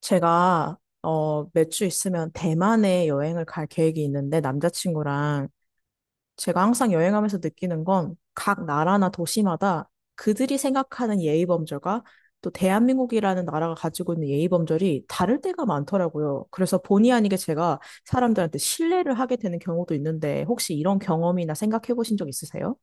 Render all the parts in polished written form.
제가 몇 주 있으면 대만에 여행을 갈 계획이 있는데 남자친구랑 제가 항상 여행하면서 느끼는 건 각 나라나 도시마다 그들이 생각하는 예의 범절과 또 대한민국이라는 나라가 가지고 있는 예의 범절이 다를 때가 많더라고요. 그래서 본의 아니게 제가 사람들한테 신뢰를 하게 되는 경우도 있는데 혹시 이런 경험이나 생각해 보신 적 있으세요?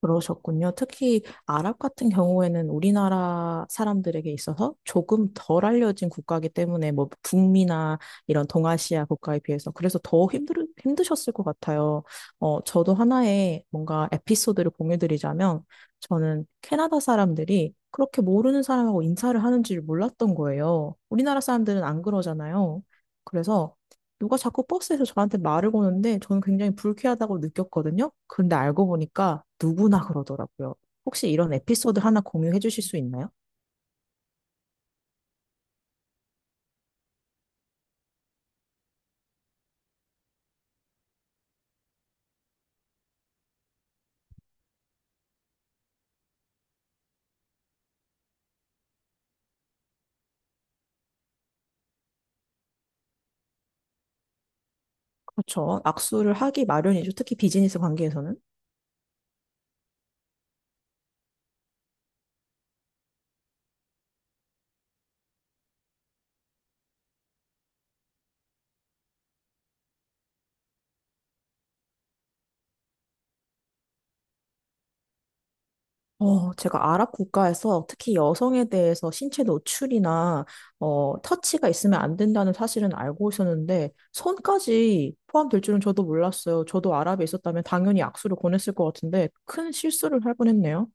그러셨군요. 특히 아랍 같은 경우에는 우리나라 사람들에게 있어서 조금 덜 알려진 국가이기 때문에 뭐 북미나 이런 동아시아 국가에 비해서 그래서 힘드셨을 것 같아요. 저도 하나의 뭔가 에피소드를 공유드리자면 저는 캐나다 사람들이 그렇게 모르는 사람하고 인사를 하는 줄 몰랐던 거예요. 우리나라 사람들은 안 그러잖아요. 그래서 누가 자꾸 버스에서 저한테 말을 거는데 저는 굉장히 불쾌하다고 느꼈거든요. 근데 알고 보니까 누구나 그러더라고요. 혹시 이런 에피소드 하나 공유해 주실 수 있나요? 그렇죠. 악수를 하기 마련이죠. 특히 비즈니스 관계에서는. 제가 아랍 국가에서 특히 여성에 대해서 신체 노출이나 터치가 있으면 안 된다는 사실은 알고 있었는데 손까지 포함될 줄은 저도 몰랐어요. 저도 아랍에 있었다면 당연히 악수를 권했을 것 같은데 큰 실수를 할 뻔했네요.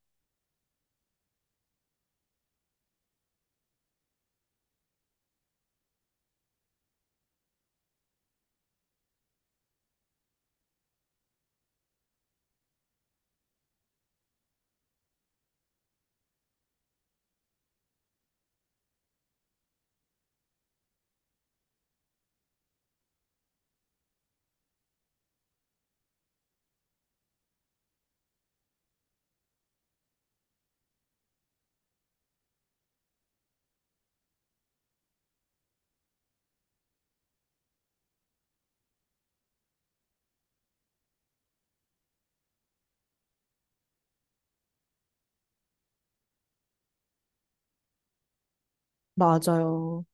맞아요.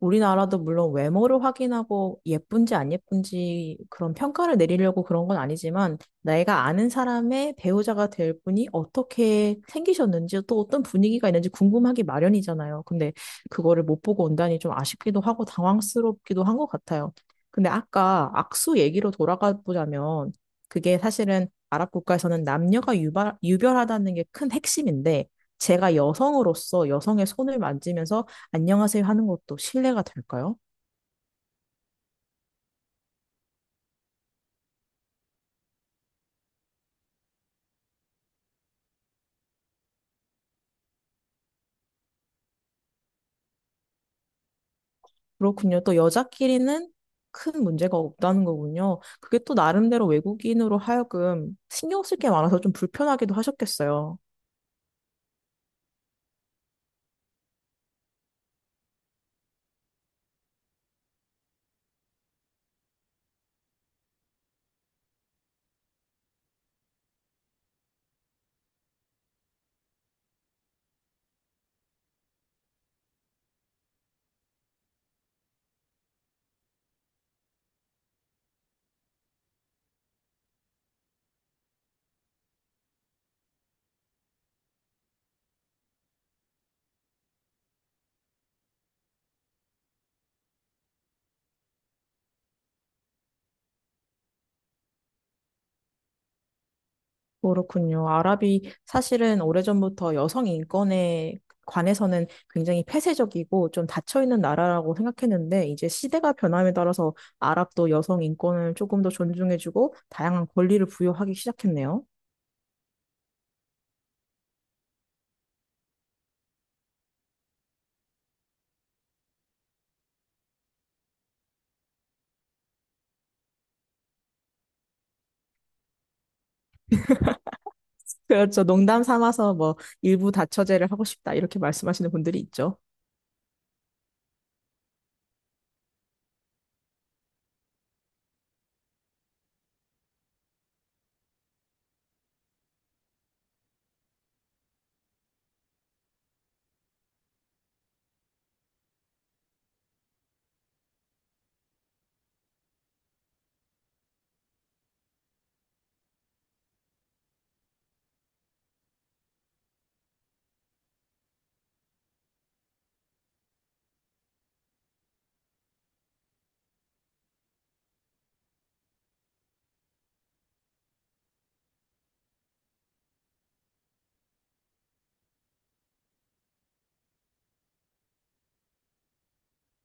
우리나라도 물론 외모를 확인하고 예쁜지 안 예쁜지 그런 평가를 내리려고 그런 건 아니지만 내가 아는 사람의 배우자가 될 분이 어떻게 생기셨는지 또 어떤 분위기가 있는지 궁금하기 마련이잖아요. 근데 그거를 못 보고 온다니 좀 아쉽기도 하고 당황스럽기도 한 것 같아요. 근데 아까 악수 얘기로 돌아가 보자면 그게 사실은 아랍 국가에서는 유별하다는 게 큰 핵심인데 제가 여성으로서 여성의 손을 만지면서 안녕하세요 하는 것도 실례가 될까요? 그렇군요. 또 여자끼리는 큰 문제가 없다는 거군요. 그게 또 나름대로 외국인으로 하여금 신경 쓸 게 많아서 좀 불편하기도 하셨겠어요. 그렇군요. 아랍이 사실은 오래전부터 여성 인권에 관해서는 굉장히 폐쇄적이고 좀 닫혀있는 나라라고 생각했는데 이제 시대가 변함에 따라서 아랍도 여성 인권을 조금 더 존중해주고 다양한 권리를 부여하기 시작했네요. 그렇죠. 농담 삼아서 뭐 일부 다처제를 하고 싶다 이렇게 말씀하시는 분들이 있죠.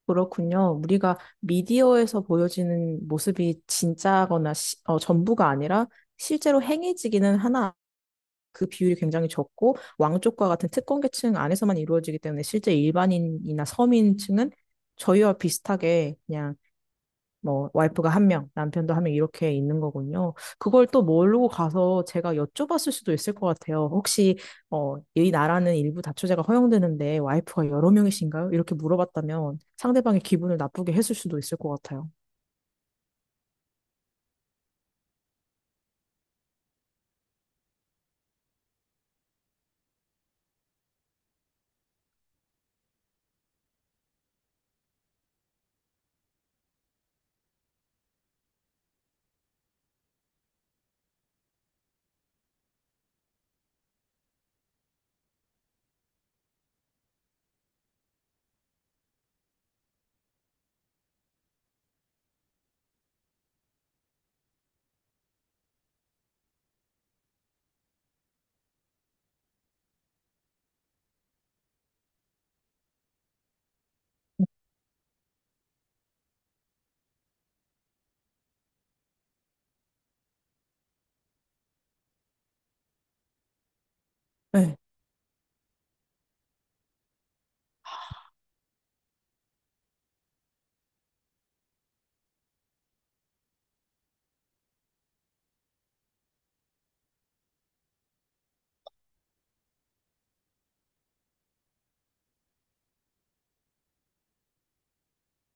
그렇군요. 우리가 미디어에서 보여지는 모습이 진짜거나 전부가 아니라 실제로 행해지기는 하나 그 비율이 굉장히 적고 왕족과 같은 특권 계층 안에서만 이루어지기 때문에 실제 일반인이나 서민층은 저희와 비슷하게 그냥 뭐 와이프가 한 명, 남편도 한 명 이렇게 있는 거군요. 그걸 또 모르고 가서 제가 여쭤봤을 수도 있을 것 같아요. 혹시 이 나라는 일부 다처제가 허용되는데 와이프가 여러 명이신가요? 이렇게 물어봤다면 상대방의 기분을 나쁘게 했을 수도 있을 것 같아요. 네.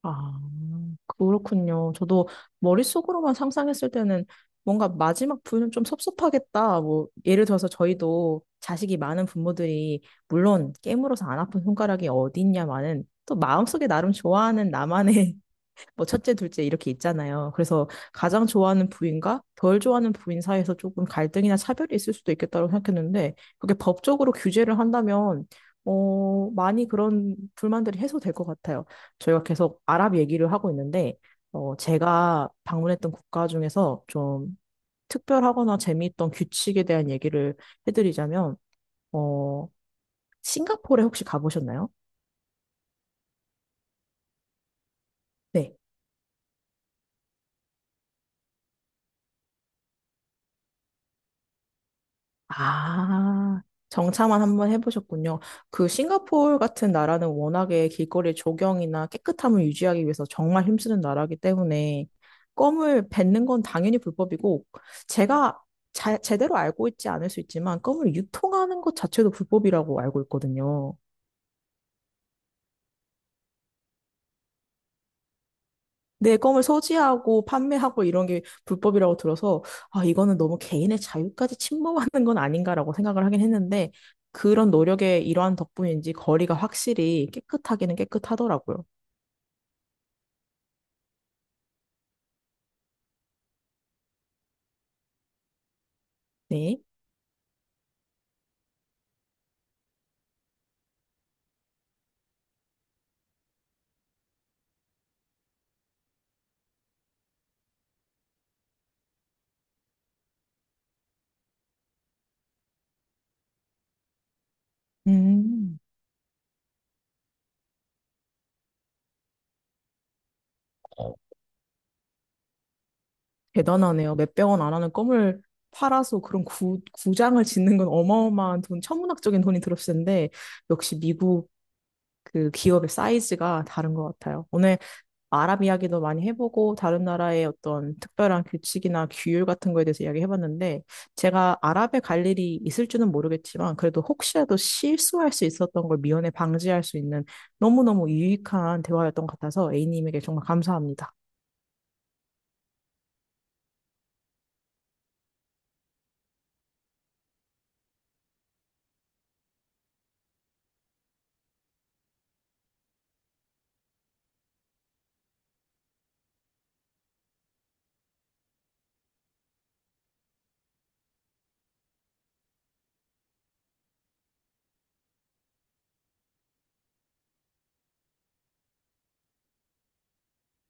아, 그렇군요. 저도 머릿속으로만 상상했을 때는 뭔가 마지막 부유는 좀 섭섭하겠다. 뭐, 예를 들어서 저희도 자식이 많은 부모들이, 물론 깨물어서 안 아픈 손가락이 어디 있냐마는 또 마음속에 나름 좋아하는 나만의 뭐 첫째, 둘째 이렇게 있잖아요. 그래서 가장 좋아하는 부인과 덜 좋아하는 부인 사이에서 조금 갈등이나 차별이 있을 수도 있겠다고 생각했는데 그게 법적으로 규제를 한다면 많이 그런 불만들이 해소될 것 같아요. 저희가 계속 아랍 얘기를 하고 있는데 제가 방문했던 국가 중에서 좀 특별하거나 재미있던 규칙에 대한 얘기를 해드리자면 어, 싱가포르에 혹시 가보셨나요? 네. 아, 정차만 한번 해보셨군요. 그 싱가포르 같은 나라는 워낙에 길거리 조경이나 깨끗함을 유지하기 위해서 정말 힘쓰는 나라이기 때문에 껌을 뱉는 건 당연히 불법이고 제가 제대로 알고 있지 않을 수 있지만 껌을 유통하는 것 자체도 불법이라고 알고 있거든요. 내 껌을 소지하고 판매하고 이런 게 불법이라고 들어서 아, 이거는 너무 개인의 자유까지 침범하는 건 아닌가라고 생각을 하긴 했는데 그런 노력의 일환 덕분인지 거리가 확실히 깨끗하기는 깨끗하더라고요. 네. 음. 대단하네요. 몇백 원 안 하는 껌을 팔아서 구장을 짓는 건 어마어마한 돈, 천문학적인 돈이 들었을 텐데, 역시 미국 그 기업의 사이즈가 다른 것 같아요. 오늘 아랍 이야기도 많이 해보고 다른 나라의 어떤 특별한 규칙이나 규율 같은 거에 대해서 이야기해봤는데 제가 아랍에 갈 일이 있을지는 모르겠지만 그래도 혹시라도 실수할 수 있었던 걸 미연에 방지할 수 있는 너무너무 유익한 대화였던 것 같아서 A님에게 정말 감사합니다.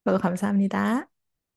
저도 감사합니다.